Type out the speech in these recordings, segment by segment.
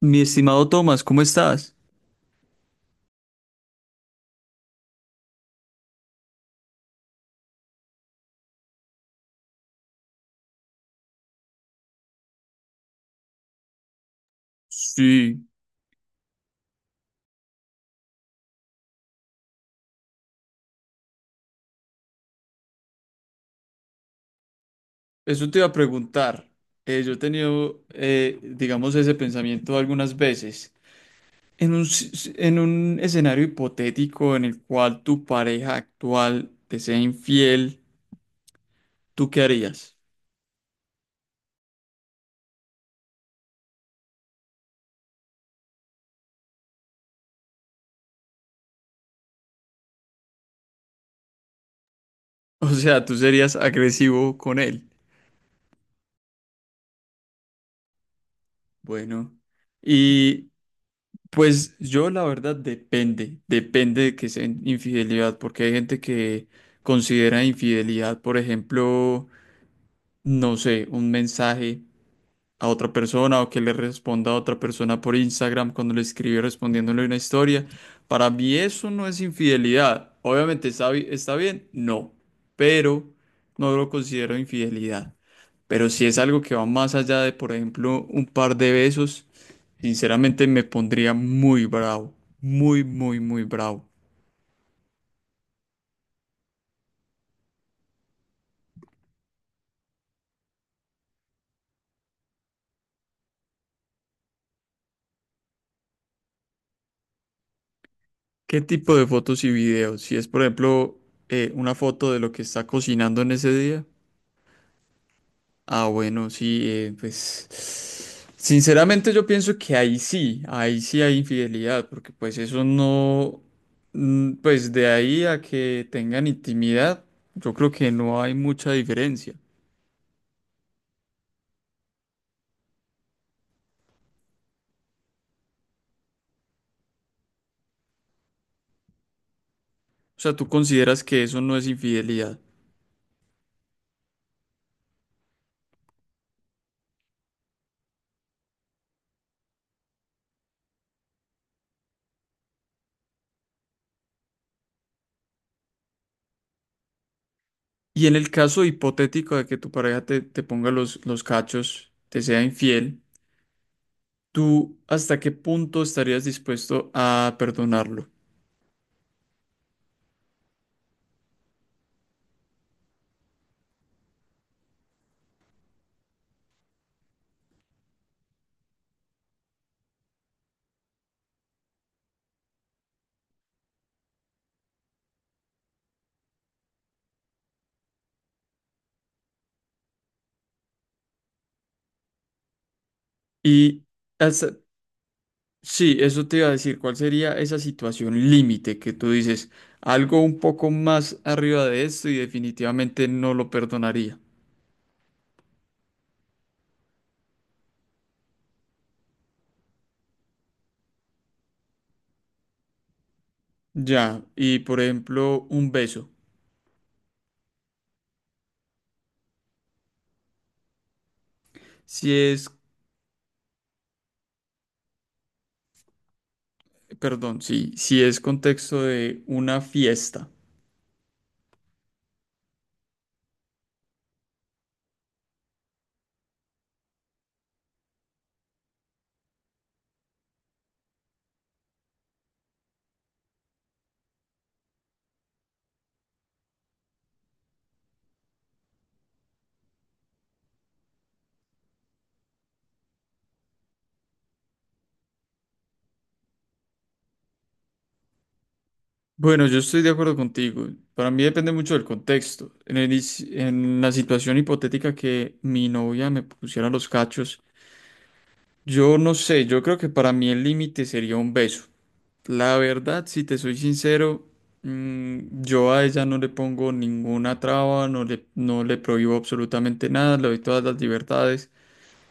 Mi estimado Tomás, ¿cómo estás? Sí, eso te iba a preguntar. Yo he tenido, digamos, ese pensamiento algunas veces. En un escenario hipotético en el cual tu pareja actual te sea infiel, ¿tú qué harías? O sea, tú serías agresivo con él. Bueno, y pues yo la verdad depende, depende de que sea infidelidad, porque hay gente que considera infidelidad, por ejemplo, no sé, un mensaje a otra persona o que le responda a otra persona por Instagram cuando le escribe respondiéndole una historia. Para mí eso no es infidelidad. Obviamente está bien, no, pero no lo considero infidelidad. Pero si es algo que va más allá de, por ejemplo, un par de besos, sinceramente me pondría muy bravo, muy, muy, muy bravo. ¿Qué tipo de fotos y videos? Si es, por ejemplo, una foto de lo que está cocinando en ese día. Ah, bueno, sí, pues sinceramente yo pienso que ahí sí hay infidelidad, porque pues eso no, mm, pues de ahí a que tengan intimidad, yo creo que no hay mucha diferencia. O sea, tú consideras que eso no es infidelidad. Y en el caso hipotético de que tu pareja te ponga los cachos, te sea infiel, ¿tú hasta qué punto estarías dispuesto a perdonarlo? Y hasta- Sí, eso te iba a decir, ¿cuál sería esa situación límite que tú dices? Algo un poco más arriba de esto y definitivamente no lo perdonaría. Ya, y por ejemplo, un beso. Si es, perdón, sí, si es contexto de una fiesta. Bueno, yo estoy de acuerdo contigo. Para mí depende mucho del contexto. En la situación hipotética que mi novia me pusiera los cachos, yo no sé, yo creo que para mí el límite sería un beso. La verdad, si te soy sincero, mm, yo a ella no le pongo ninguna traba, no le prohíbo absolutamente nada, le doy todas las libertades.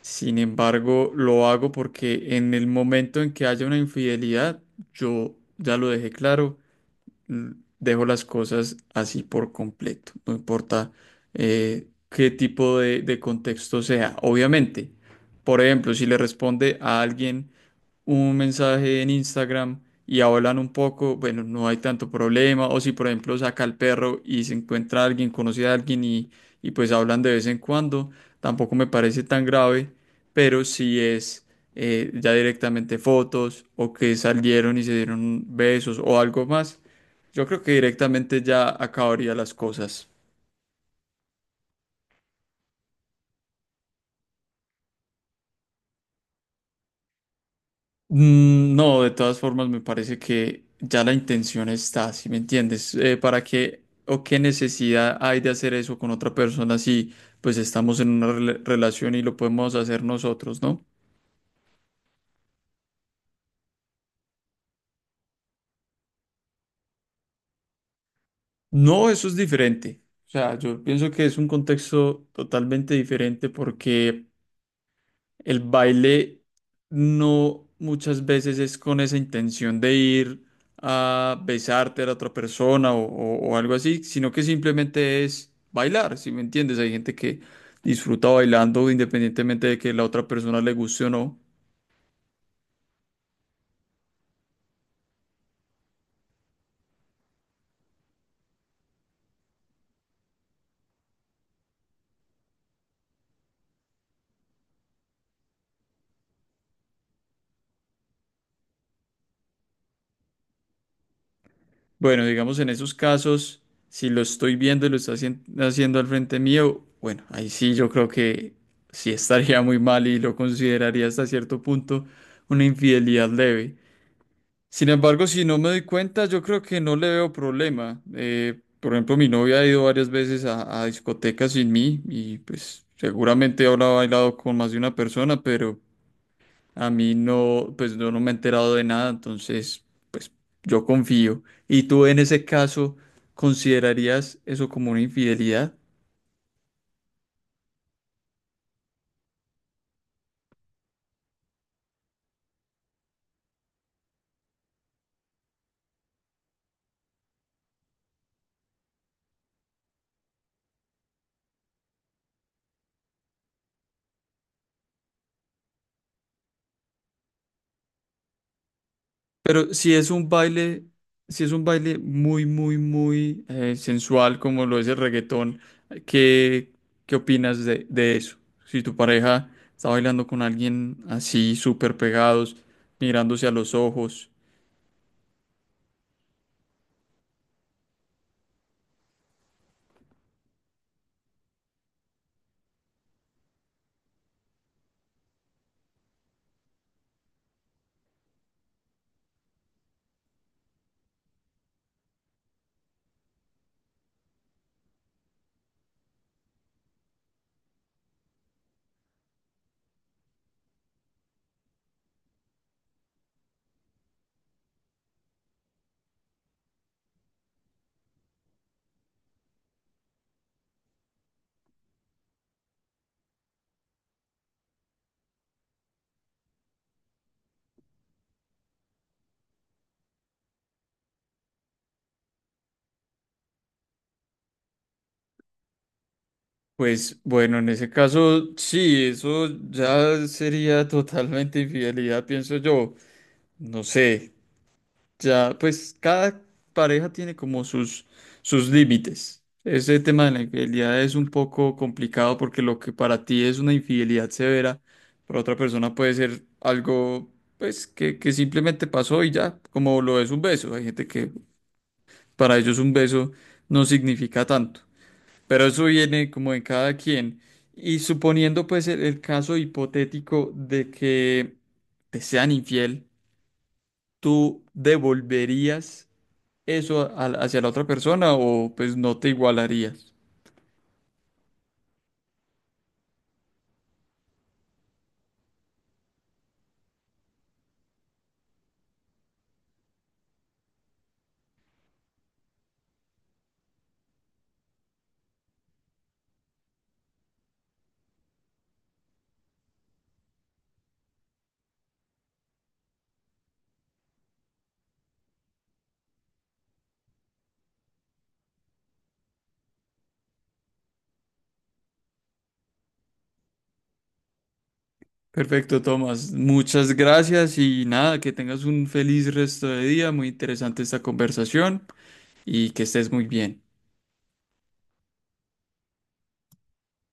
Sin embargo, lo hago porque en el momento en que haya una infidelidad, yo ya lo dejé claro, dejo las cosas así por completo, no importa qué tipo de contexto sea. Obviamente, por ejemplo, si le responde a alguien un mensaje en Instagram y hablan un poco, bueno, no hay tanto problema. O si, por ejemplo, saca al perro y se encuentra alguien, conoce a alguien y pues hablan de vez en cuando, tampoco me parece tan grave, pero si es ya directamente fotos o que salieron y se dieron besos o algo más, yo creo que directamente ya acabaría las cosas. Mm, no, de todas formas me parece que ya la intención está, ¿si me entiendes? ¿Para qué o qué necesidad hay de hacer eso con otra persona si pues estamos en una relación y lo podemos hacer nosotros, ¿no? No, eso es diferente. O sea, yo pienso que es un contexto totalmente diferente porque el baile no muchas veces es con esa intención de ir a besarte a la otra persona o algo así, sino que simplemente es bailar, ¿si me entiendes? Hay gente que disfruta bailando independientemente de que la otra persona le guste o no. Bueno, digamos en esos casos, si lo estoy viendo y lo está haciendo al frente mío, bueno, ahí sí yo creo que sí estaría muy mal y lo consideraría hasta cierto punto una infidelidad leve. Sin embargo, si no me doy cuenta, yo creo que no le veo problema. Por ejemplo, mi novia ha ido varias veces a discotecas sin mí y pues seguramente habrá bailado con más de una persona, pero a mí no, pues yo no me he enterado de nada, entonces yo confío. ¿Y tú en ese caso considerarías eso como una infidelidad? Pero si es un baile, si es un baile muy, muy, muy sensual como lo es el reggaetón, ¿qué, qué opinas de eso? Si tu pareja está bailando con alguien así, súper pegados, mirándose a los ojos, pues bueno, en ese caso sí, eso ya sería totalmente infidelidad, pienso yo. No sé. Ya, pues cada pareja tiene como sus, sus límites. Ese tema de la infidelidad es un poco complicado porque lo que para ti es una infidelidad severa, para otra persona puede ser algo pues que simplemente pasó y ya, como lo es un beso. Hay gente que para ellos un beso no significa tanto, pero eso viene como de cada quien. Y suponiendo pues el caso hipotético de que te sean infiel, ¿tú devolverías eso hacia la otra persona o pues no te igualarías? Perfecto, Tomás. Muchas gracias y nada, que tengas un feliz resto de día. Muy interesante esta conversación y que estés muy bien.